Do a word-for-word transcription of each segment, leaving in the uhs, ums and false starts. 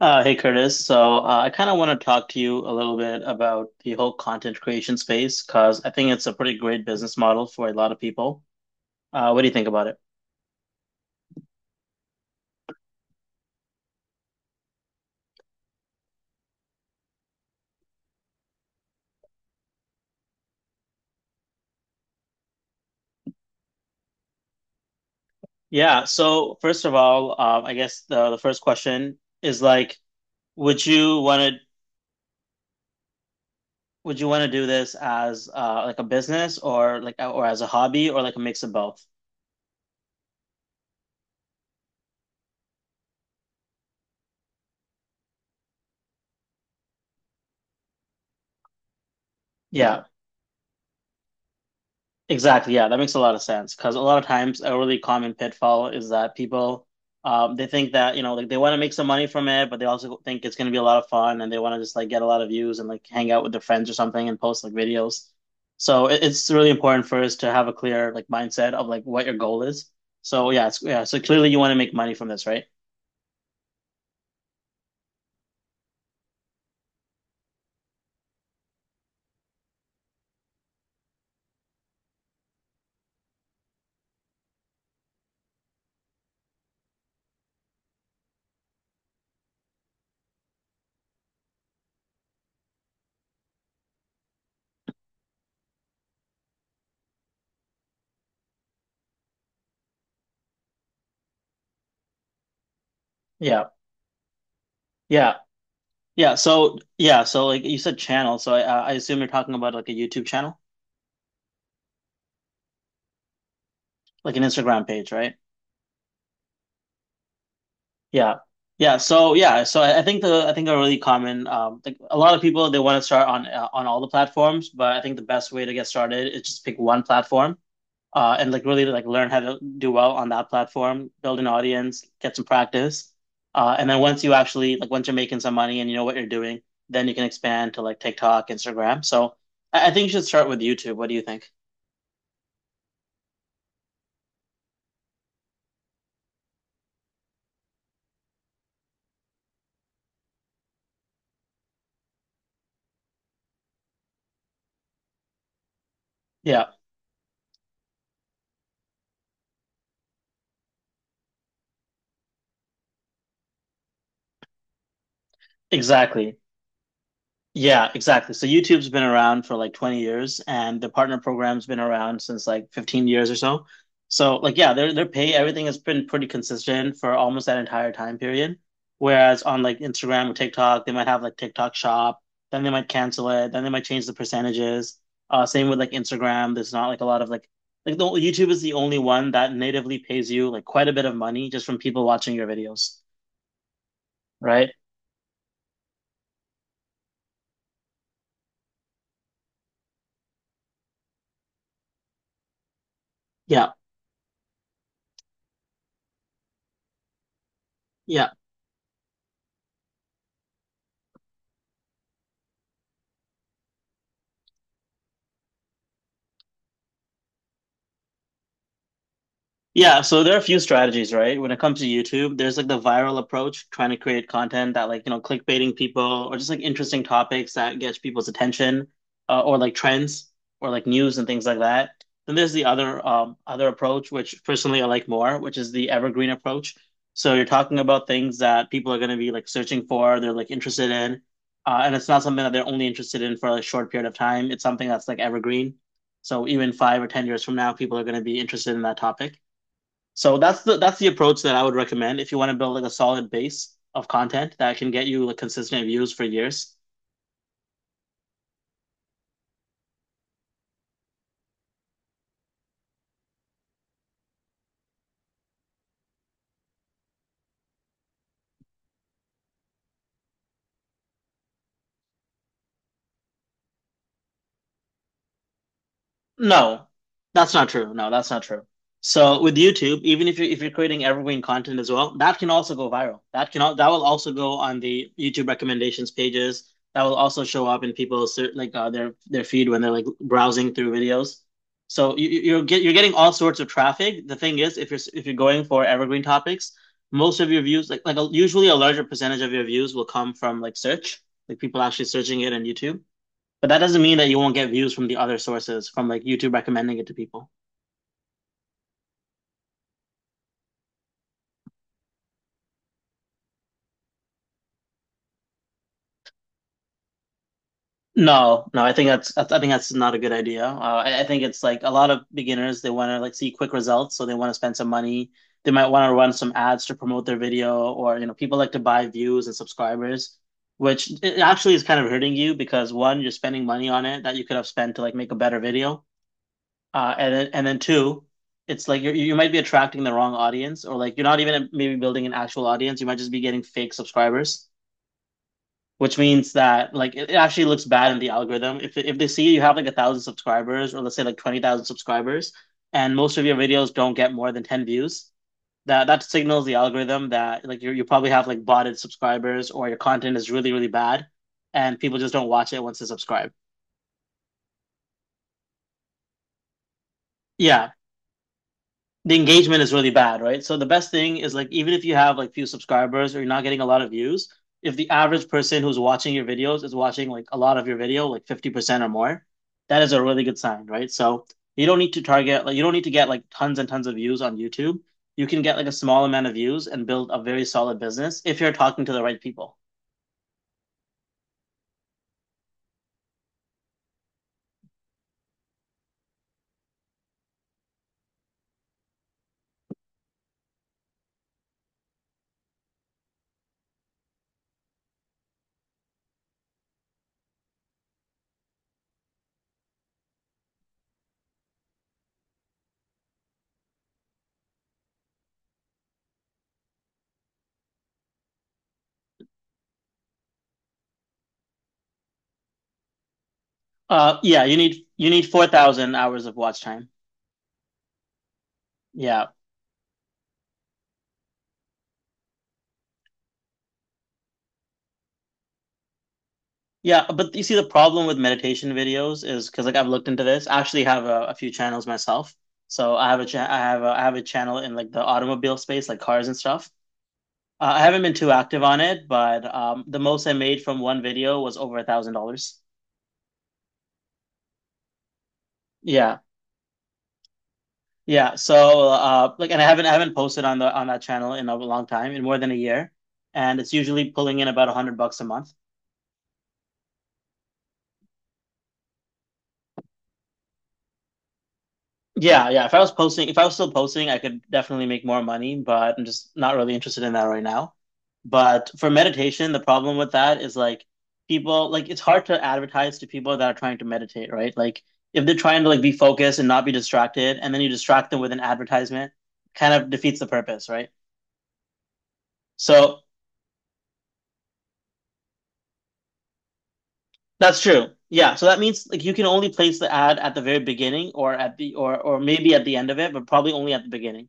Uh, hey Curtis, so uh, I kind of want to talk to you a little bit about the whole content creation space because I think it's a pretty great business model for a lot of people. Uh, what do you think about it? Yeah, so first of all, um, I guess the, the first question is like, would you want would you want to do this as uh, like a business or like or as a hobby or like a mix of both? Yeah, exactly. Yeah, that makes a lot of sense because a lot of times a really common pitfall is that people um, they think that you know like they want to make some money from it, but they also think it's going to be a lot of fun and they want to just like get a lot of views and like hang out with their friends or something and post like videos. So it, it's really important for us to have a clear like mindset of like what your goal is. So yeah, it's, yeah. So clearly you want to make money from this, right? Yeah. Yeah. Yeah, so yeah, so like you said channel, so I I assume you're talking about like a YouTube channel, like an Instagram page, right? Yeah. Yeah, so yeah, so I I think the I think a really common um like a lot of people they want to start on uh, on all the platforms, but I think the best way to get started is just pick one platform uh and like really like learn how to do well on that platform, build an audience, get some practice. Uh and then once you actually like once you're making some money and you know what you're doing, then you can expand to like TikTok, Instagram. So I I think you should start with YouTube. What do you think? Yeah. Exactly. Yeah, exactly. So YouTube's been around for like twenty years and the partner program's been around since like fifteen years or so. So like yeah, their their pay, everything has been pretty consistent for almost that entire time period. Whereas on like Instagram or TikTok, they might have like TikTok shop, then they might cancel it, then they might change the percentages. Uh same with like Instagram. There's not like a lot of like like the YouTube is the only one that natively pays you like quite a bit of money just from people watching your videos, right? Yeah. Yeah. Yeah, so there are a few strategies, right? When it comes to YouTube, there's like the viral approach, trying to create content that like, you know, clickbaiting people or just like interesting topics that gets people's attention, uh, or like trends or like news and things like that. Then there's the other um other approach, which personally I like more, which is the evergreen approach. So you're talking about things that people are going to be like searching for, they're like interested in, uh, and it's not something that they're only interested in for a short period of time. It's something that's like evergreen. So even five or ten years from now, people are going to be interested in that topic. So that's the that's the approach that I would recommend if you want to build like a solid base of content that can get you like consistent views for years. No, that's not true. No, that's not true. So with YouTube, even if you're if you're creating evergreen content as well, that can also go viral. That can al- that will also go on the YouTube recommendations pages. That will also show up in people's ser- like uh, their their feed when they're like browsing through videos. So you, you- you're get you're getting all sorts of traffic. The thing is, if you're s- if you're going for evergreen topics, most of your views like like a, usually a larger percentage of your views will come from like search, like people actually searching it on YouTube. But that doesn't mean that you won't get views from the other sources, from like YouTube recommending it to people. No, no, I think that's I think that's not a good idea. Uh, I, I think it's like a lot of beginners they want to like see quick results, so they want to spend some money. They might want to run some ads to promote their video, or you know, people like to buy views and subscribers, which it actually is kind of hurting you because one, you're spending money on it that you could have spent to like make a better video. Uh, and then and then two, it's like you you might be attracting the wrong audience, or like you're not even maybe building an actual audience. You might just be getting fake subscribers, which means that like it, it actually looks bad in the algorithm. If if they see you have like a thousand subscribers, or let's say like twenty thousand subscribers, and most of your videos don't get more than ten views, that that signals the algorithm that like you you probably have like botted subscribers, or your content is really really bad, and people just don't watch it once they subscribe. Yeah, the engagement is really bad, right? So the best thing is like even if you have like few subscribers or you're not getting a lot of views, if the average person who's watching your videos is watching like a lot of your video, like fifty percent or more, that is a really good sign, right? So you don't need to target like you don't need to get like tons and tons of views on YouTube. You can get like a small amount of views and build a very solid business if you're talking to the right people. Uh yeah, you need you need four thousand hours of watch time. Yeah, yeah, but you see, the problem with meditation videos is because like I've looked into this. I actually have a, a few channels myself. So I have a cha- I have a, I have a channel in like the automobile space, like cars and stuff. Uh, I haven't been too active on it, but um, the most I made from one video was over a thousand dollars. Yeah, yeah. So uh, like, and I haven't I haven't posted on the on that channel in a long time, in more than a year, and it's usually pulling in about a hundred bucks a month. Yeah, yeah. If I was posting, if I was still posting, I could definitely make more money, but I'm just not really interested in that right now. But for meditation, the problem with that is like people, like it's hard to advertise to people that are trying to meditate, right? Like if they're trying to like be focused and not be distracted, and then you distract them with an advertisement, kind of defeats the purpose, right? So that's true. Yeah. So that means like you can only place the ad at the very beginning or at the or or maybe at the end of it, but probably only at the beginning.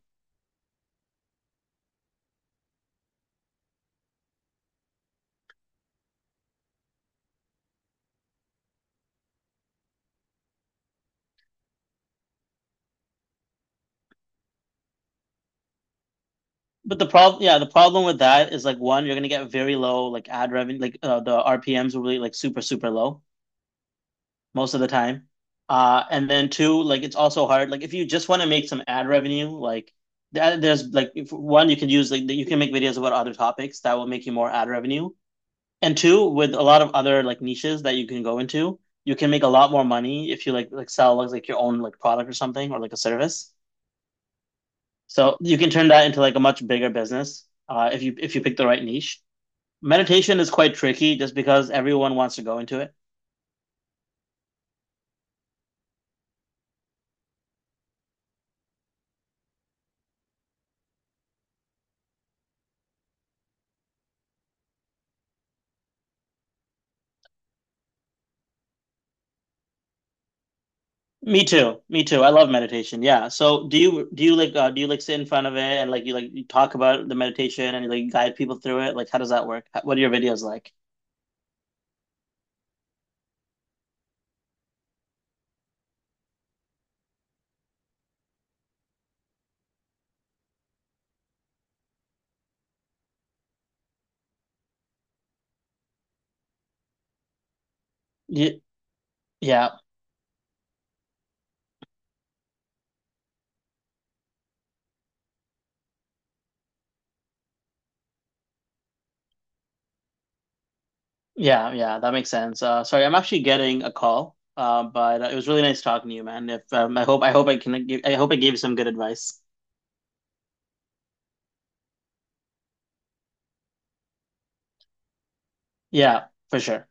But the problem, yeah, the problem with that is like one, you're gonna get very low like ad revenue, like uh, the R P Ms will be like super super low most of the time. Uh, and then two, like it's also hard. Like if you just want to make some ad revenue, like th- there's like if, one you can use like you can make videos about other topics that will make you more ad revenue. And two, with a lot of other like niches that you can go into, you can make a lot more money if you like like sell like like, your own like product or something or like a service. So you can turn that into like a much bigger business uh, if you if you pick the right niche. Meditation is quite tricky just because everyone wants to go into it. Me too, me too. I love meditation. Yeah, so do you do you like uh, do you like sit in front of it and like you like you talk about the meditation and you like guide people through it, like how does that work? How- what are your videos like? Yeah. Yeah. Yeah, yeah, that makes sense. Uh, sorry, I'm actually getting a call. Uh but uh, It was really nice talking to you, man. If um, i hope I hope I can give I hope I gave you some good advice. Yeah, for sure.